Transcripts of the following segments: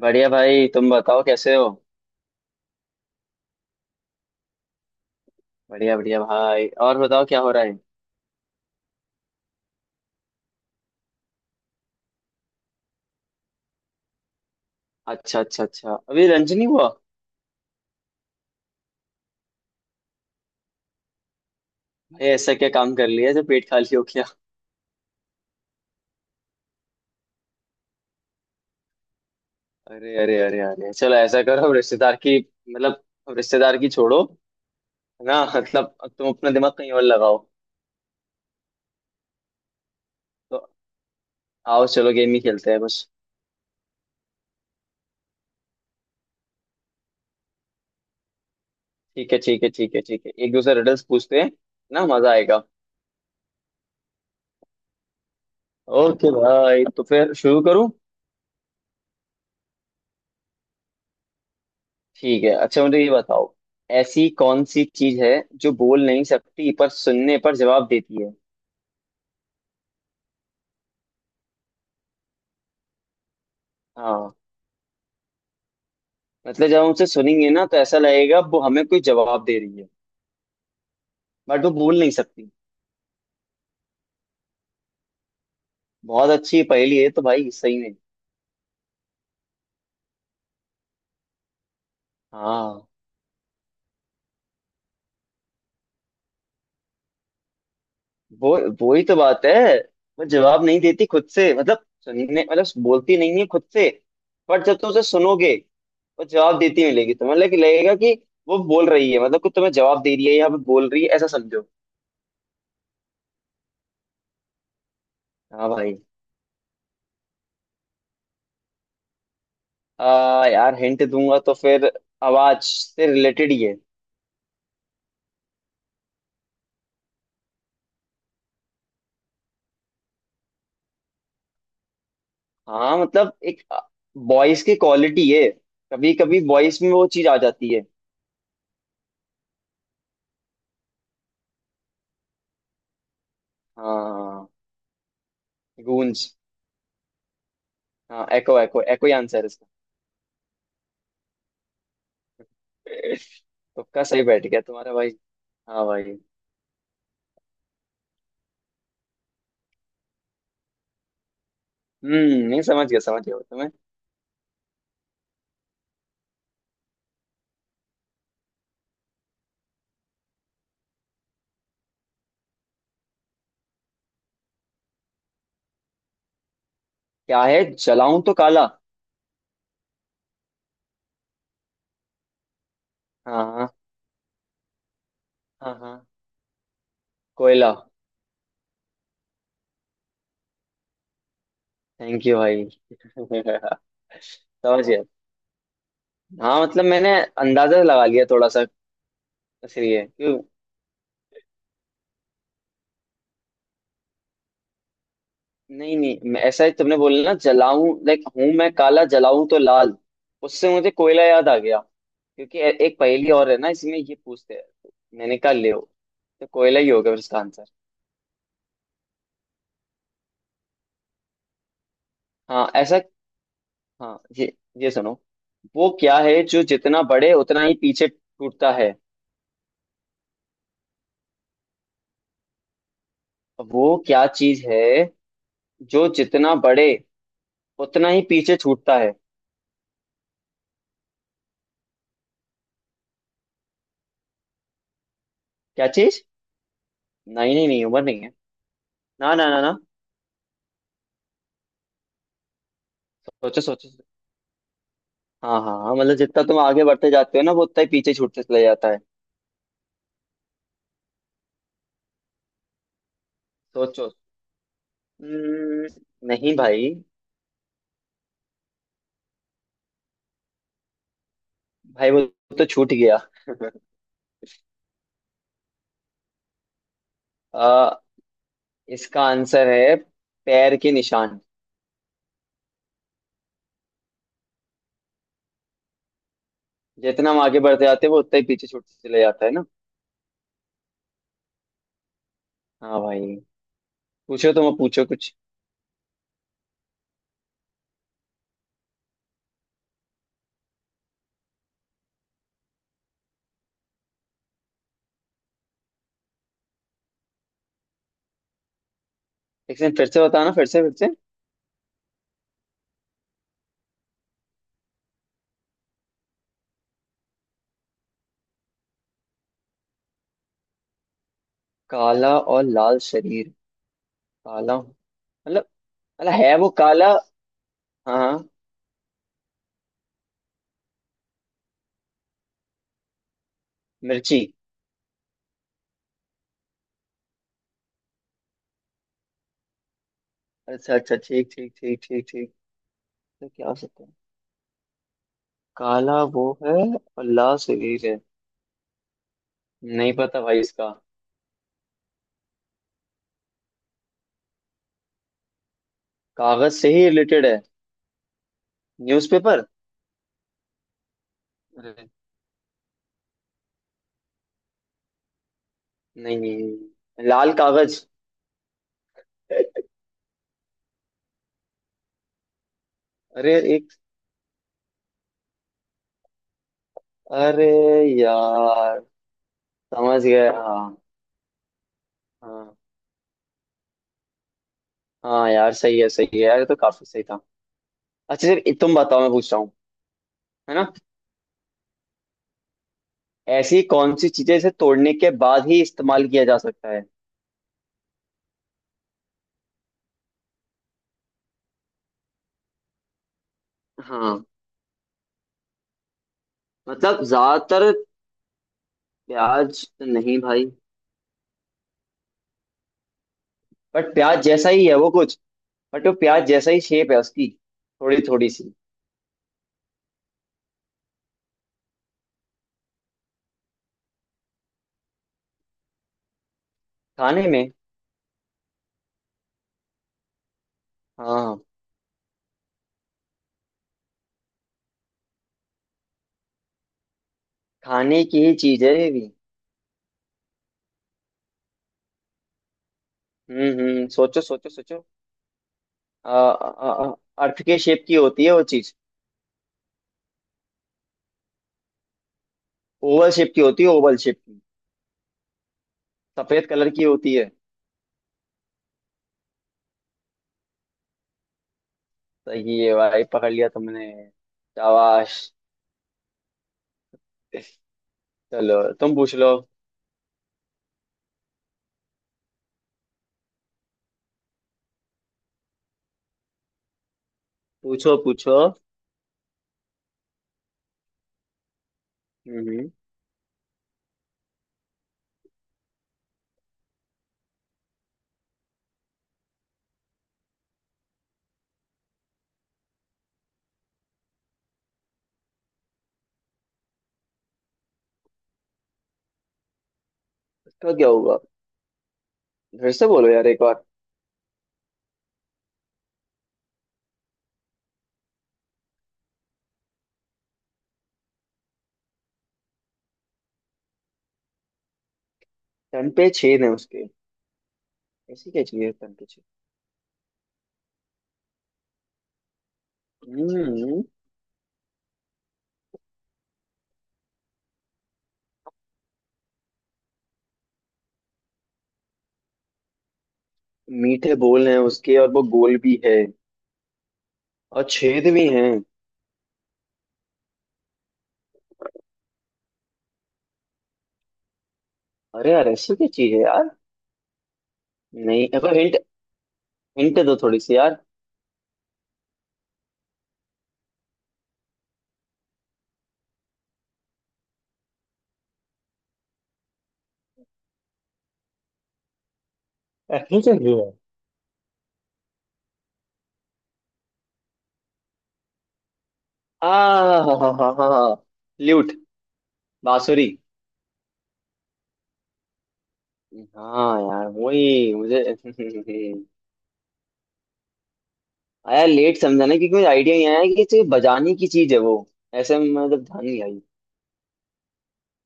बढ़िया भाई, तुम बताओ कैसे हो। बढ़िया बढ़िया भाई, और बताओ क्या हो रहा है। अच्छा अच्छा अच्छा, अभी लंच नहीं हुआ। भाई, ऐसा क्या काम कर लिया जो पेट खाली हो गया। अरे अरे अरे अरे, चलो ऐसा करो, अब रिश्तेदार की। मतलब। अब रिश्तेदार की छोड़ो। है ना, मतलब अब तुम अपना दिमाग कहीं और लगाओ। तो। आओ चलो गेम ही खेलते हैं कुछ। ठीक है ठीक है ठीक है ठीक है, एक दूसरे रिडल्स पूछते हैं ना, मजा आएगा। ओके भाई, तो फिर शुरू करूँ। ठीक है, अच्छा मुझे ये बताओ। ऐसी कौन सी चीज है, जो बोल नहीं सकती पर सुनने पर जवाब देती है। हाँ। मतलब जब हम उसे सुनेंगे ना तो ऐसा लगेगा वो हमें कोई जवाब दे रही है। बट वो बोल नहीं सकती। बहुत अच्छी पहेली है तो भाई, सही में। हाँ। वो ही तो बात है। वो जवाब नहीं देती खुद से, मतलब सुनने, मतलब बोलती नहीं है खुद से। पर जब तुम उसे सुनोगे, वो जवाब देती मिलेगी तुम्हें, लगेगा कि वो बोल रही है, मतलब कि तुम्हें जवाब दे रही है, यहाँ पे बोल रही है, ऐसा समझो। हाँ भाई। यार हिंट दूंगा तो फिर आवाज से रिलेटेड ही है। हाँ मतलब एक वॉइस की क्वालिटी है। कभी कभी वॉइस में वो चीज आ जाती है। हाँ। गूंज। हाँ एको एको, एको ही आंसर है इसका। तुक्का सही बैठ गया तुम्हारा भाई। हाँ भाई। नहीं, समझ गया समझ गया तुम्हें। क्या है जलाऊं तो काला। हाँ हाँ। हाँ हाँ। कोयला। थैंक यू भाई। समझ गया। हाँ मतलब मैंने अंदाजा लगा लिया थोड़ा सा। इसलिए क्यों। नहीं नहीं, ऐसा ही तुमने बोला ना, जलाऊं लाइक हूं मैं काला, जलाऊं तो लाल। उससे मुझे कोयला याद आ गया, क्योंकि एक पहेली और है ना इसमें ये पूछते हैं तो मैंने कहा ले हो, तो कोयला ही होगा फिर इसका आंसर। हाँ ऐसा। हाँ ये। ये सुनो। वो क्या है जो जितना बढ़े उतना ही पीछे छूटता है। वो क्या चीज है, जो जितना बढ़े, उतना ही पीछे छूटता है। क्या चीज। नहीं नहीं नहीं, उम्र नहीं है। ना ना ना ना। सोचो सोचो। हाँ हाँ हाँ, मतलब जितना तुम आगे बढ़ते जाते हो ना, वो उतना ही पीछे छूटते चले जाता है। सोचो। हम्म, नहीं भाई। भाई वो तो छूट गया। आ, इसका आंसर है पैर के निशान। जितना हम आगे बढ़ते जाते हैं वो उतना ही पीछे छूटते चले जाता है ना। हाँ भाई। पूछो तुम, अब पूछो कुछ। एक सेकंड, फिर से बताना, फिर से फिर से। काला और लाल शरीर। काला, मतलब, मतलब है वो काला। हाँ हाँ। मिर्ची। अच्छा अच्छा, ठीक ठीक ठीक ठीक ठीक। तो क्या हो सकता है। काला वो है, और लाल शरीर है। नहीं पता भाई इसका। कागज से ही रिलेटेड है। न्यूज़पेपर। अरे। नहीं नहीं, लाल कागज। अरे एक। अरे। यार। समझ गया हाँ। हाँ। हाँ यार, सही है यार, ये तो काफी सही था। अच्छा सर, ये तुम बताओ, मैं पूछ रहा हूँ। है ना। ऐसी कौन सी चीजें इसे तोड़ने के बाद ही इस्तेमाल किया जा सकता है। हाँ मतलब ज्यादातर, प्याज तो नहीं भाई, बट प्याज जैसा ही है वो कुछ। बट वो प्याज जैसा ही शेप है उसकी, थोड़ी थोड़ी सी। खाने में। हाँ हाँ। खाने की ही चीज है ये भी। सोचो सोचो सोचो। आ, आ, आ, अर्थ के शेप की होती है वो चीज। ओवल शेप की होती है, ओवल शेप की। सफेद कलर की होती है। सही है भाई, पकड़ लिया तुमने। शाबाश। चलो तुम पूछ लो। पूछो पूछो। हम्म हम्म। उसका क्या होगा। फिर से बोलो यार एक बार। तन पे छेद है उसके। ऐसी क्या चीज है तन पे छेद। हम्म। मीठे बोल हैं उसके और वो गोल भी है, और छेद भी हैं। अरे यार, ऐसी क्या चीज है यार। नहीं अब हिंट, हिंट दो थोड़ी सी यार। ऐसी क्या चीज है। आ हा हा हा हा, ल्यूट। बांसुरी। हाँ यार, वही मुझे आया, लेट समझा ना, क्योंकि मुझे आइडिया नहीं आया कि ये चीज़ बजाने की चीज है वो। ऐसे में मतलब ध्यान नहीं आई।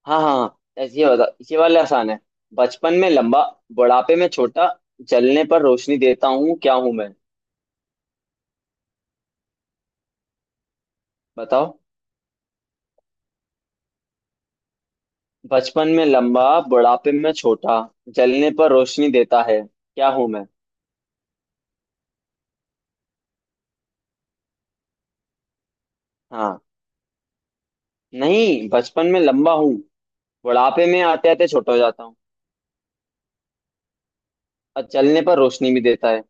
हाँ हाँ, ऐसे ये बता। ये वाला आसान है। बचपन में लंबा, बुढ़ापे में छोटा, जलने पर रोशनी देता हूँ, क्या हूं मैं। बताओ। बचपन में लंबा, बुढ़ापे में छोटा, जलने पर रोशनी देता है, क्या हूं मैं। हाँ। नहीं बचपन में लंबा हूँ, बुढ़ापे में आते आते छोटा हो जाता हूँ, और जलने पर रोशनी भी देता है।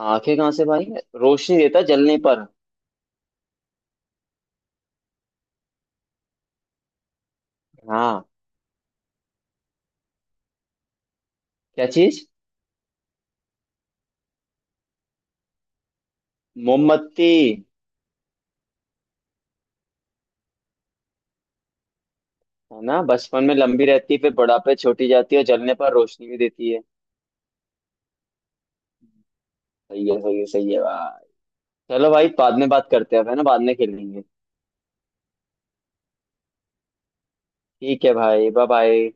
आंखें कहाँ से भाई, रोशनी देता है जलने पर। हाँ। क्या चीज। मोमबत्ती। है ना, बचपन में लंबी रहती है, फिर बुढ़ापे छोटी जाती है, और जलने पर रोशनी भी देती है। सही है सही है सही है भाई। चलो भाई, बाद में बात करते हैं, है ना, बाद में खेलेंगे। ठीक है भाई, बाय बाय।